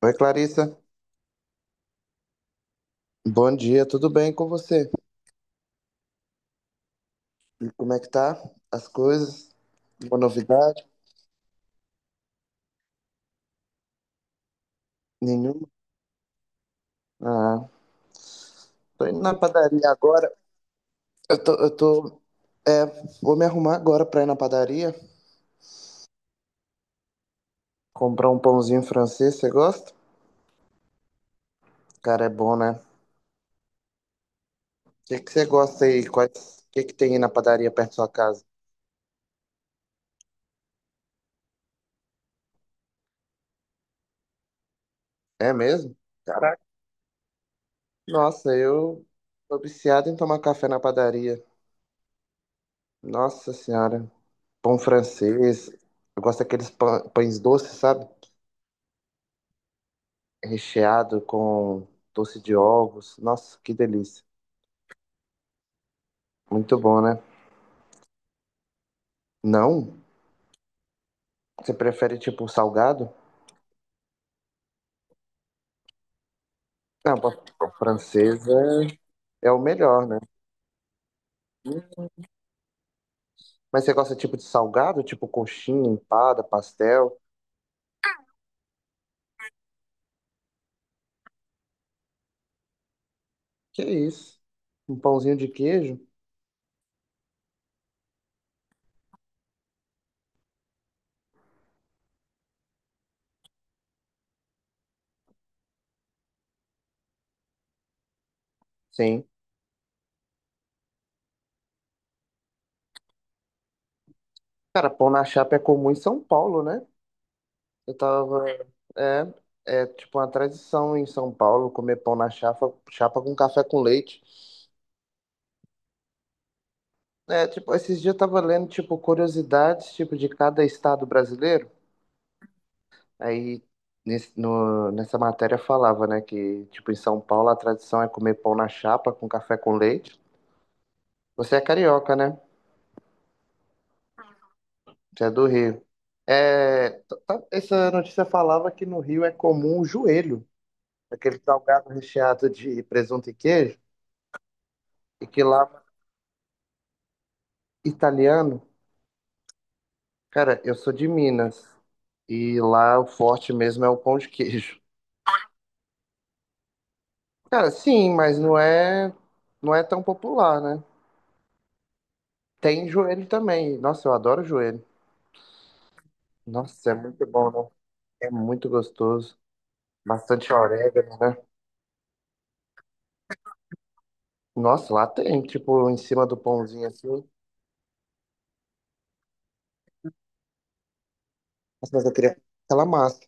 Oi, Clarissa. Bom dia, tudo bem com você? E como é que tá? As coisas? Uma novidade? Nenhuma? Ah, tô indo na padaria agora. Eu tô, é, vou me arrumar agora pra ir na padaria, comprar um pãozinho francês, você gosta? Cara, é bom, né? O que que você gosta aí? Quais, o que que tem aí na padaria perto da sua casa? É mesmo? Caraca. Nossa, eu tô viciado em tomar café na padaria. Nossa Senhora. Pão francês. Eu gosto daqueles pães doces, sabe? Recheado com doce de ovos. Nossa, que delícia. Muito bom, né? Não? Você prefere tipo salgado? Não, francesa é o melhor, né? Mas você gosta tipo de salgado, tipo coxinha, empada, pastel? Que isso? Um pãozinho de queijo? Sim. Cara, pão na chapa é comum em São Paulo, né? Eu tava. É, é tipo uma tradição em São Paulo comer pão na chapa, chapa com café com leite. É, tipo, esses dias eu tava lendo, tipo, curiosidades, tipo, de cada estado brasileiro. Aí, nessa matéria falava, né, que, tipo, em São Paulo a tradição é comer pão na chapa com café com leite. Você é carioca, né? Você é do Rio. É, essa notícia falava que no Rio é comum o joelho, aquele salgado recheado de presunto e queijo, e que lá, italiano, cara, eu sou de Minas, e lá o forte mesmo é o pão de queijo. Cara, sim, não é tão popular, né? Tem joelho também. Nossa, eu adoro joelho. Nossa, é muito bom, né? É muito gostoso. Bastante orégano, né? Nossa, lá tem, tipo, em cima do pãozinho assim. Nossa, mas eu queria aquela massa.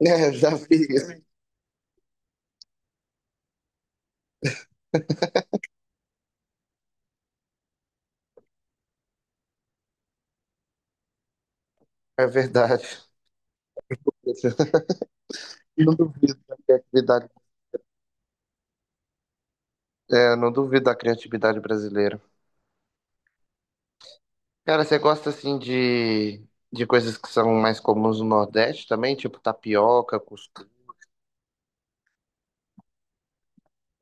É, já vi. É verdade. Não duvido da criatividade, é, não duvido da criatividade brasileira. Cara, você gosta assim de coisas que são mais comuns no Nordeste também? Tipo tapioca, cuscuz?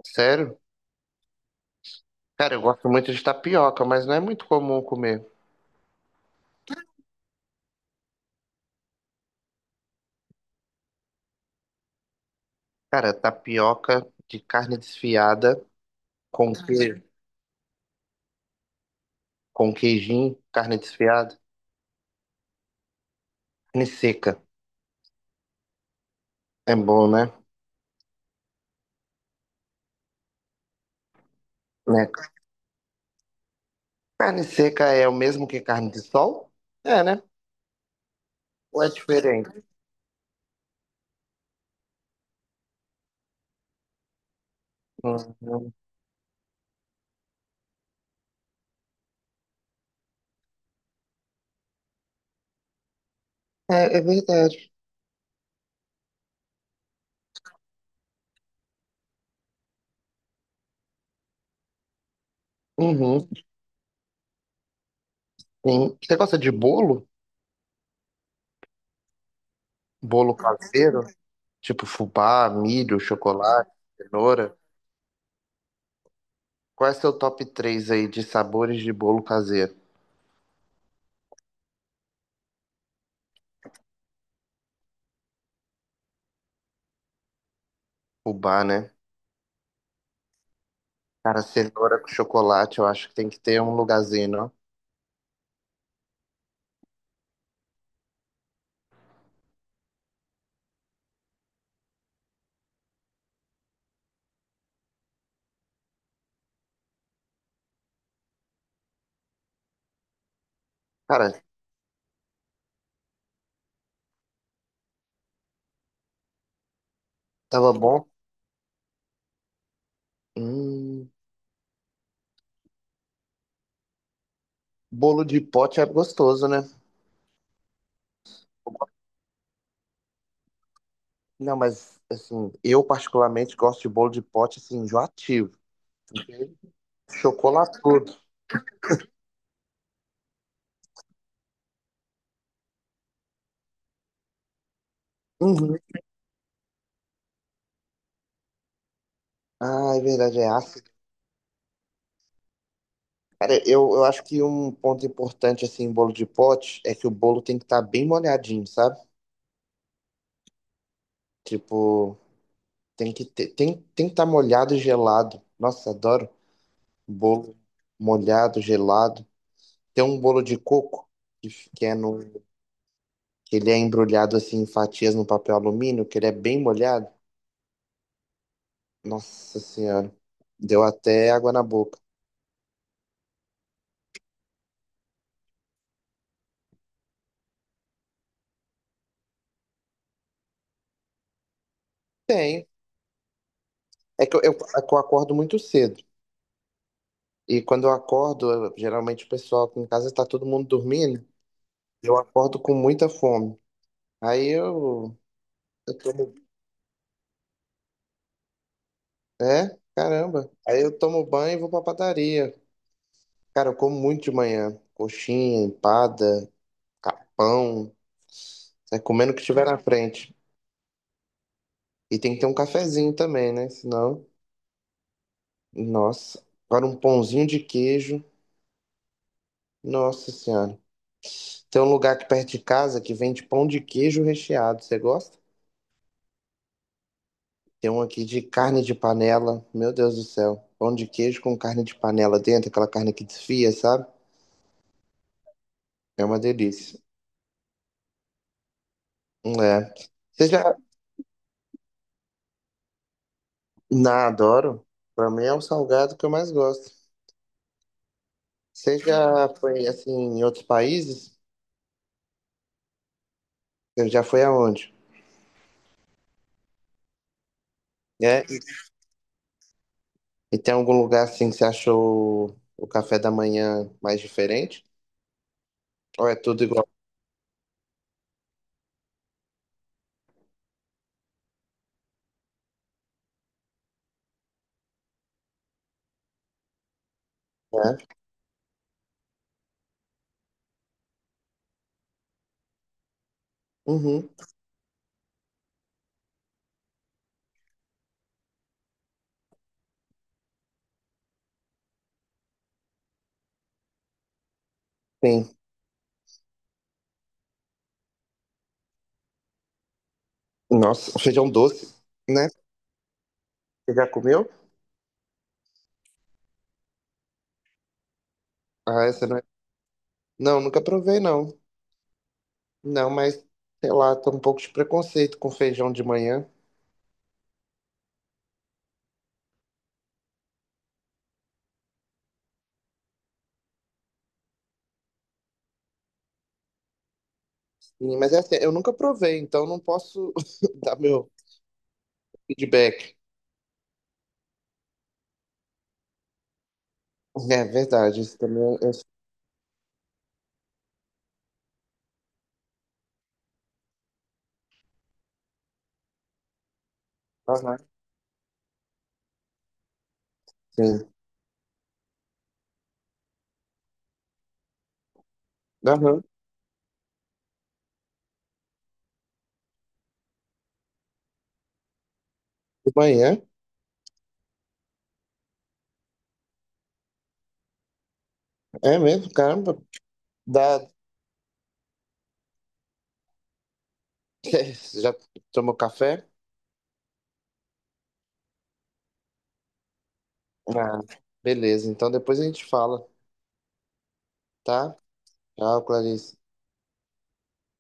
Sério? Cara, eu gosto muito de tapioca, mas não é muito comum comer. Cara, tapioca de carne desfiada com queijo, com queijinho, carne desfiada, carne seca. É bom, né? Né? Carne seca é o mesmo que carne de sol? É, né? Ou é diferente? Uhum. É, é verdade. Uhum. Sim. Você gosta de bolo? Bolo caseiro? Tipo fubá, milho, chocolate, cenoura? Qual é seu top 3 aí de sabores de bolo caseiro? Fubá, né? Cara, cenoura com chocolate, eu acho que tem que ter um lugarzinho, não? Cara, tava bom. Hum, bolo de pote é gostoso, né? Não, mas assim, eu particularmente gosto de bolo de pote assim, enjoativo. Chocolatudo. Uhum. Ah, é verdade, é ácido. Cara, eu acho que um ponto importante assim em bolo de pote é que o bolo tem que estar bem molhadinho, sabe? Tipo, tem que estar molhado e gelado. Nossa, adoro bolo molhado, gelado. Tem um bolo de coco que, que é no, que ele é embrulhado assim em fatias no papel alumínio, que ele é bem molhado. Nossa Senhora, deu até água na boca. Tem. É que é que eu acordo muito cedo. E quando eu acordo, eu- geralmente o pessoal aqui em casa está todo mundo dormindo. Eu acordo com muita fome. Aí eu tomo. É? Caramba. Aí eu tomo banho e vou pra padaria. Cara, eu como muito de manhã. Coxinha, empada, capão, né, comendo o que tiver na frente. E tem que ter um cafezinho também, né? Senão, nossa. Agora um pãozinho de queijo, nossa senhora. Tem um lugar aqui perto de casa que vende pão de queijo recheado, você gosta? Tem um aqui de carne de panela, meu Deus do céu. Pão de queijo com carne de panela dentro, aquela carne que desfia, sabe? É uma delícia. É. Você já... Na, adoro. Pra mim é o salgado que eu mais gosto. Você já foi, assim, em outros países? Você já foi aonde? É? E tem algum lugar assim que você achou o café da manhã mais diferente? Ou é tudo igual? Né? Uhum, sim. Nossa, feijão doce, né? Você já comeu? Ah, essa não é... Não, nunca provei, não. Não, mas, sei lá, tô um pouco de preconceito com feijão de manhã. Sim, mas é assim, eu nunca provei, então não posso dar meu feedback. É verdade, isso também é... é, aham, sim. Aham, de manhã, é mesmo, caramba. Dá, você já tomou café? Ah, beleza. Então depois a gente fala, tá? Tchau, Clarice.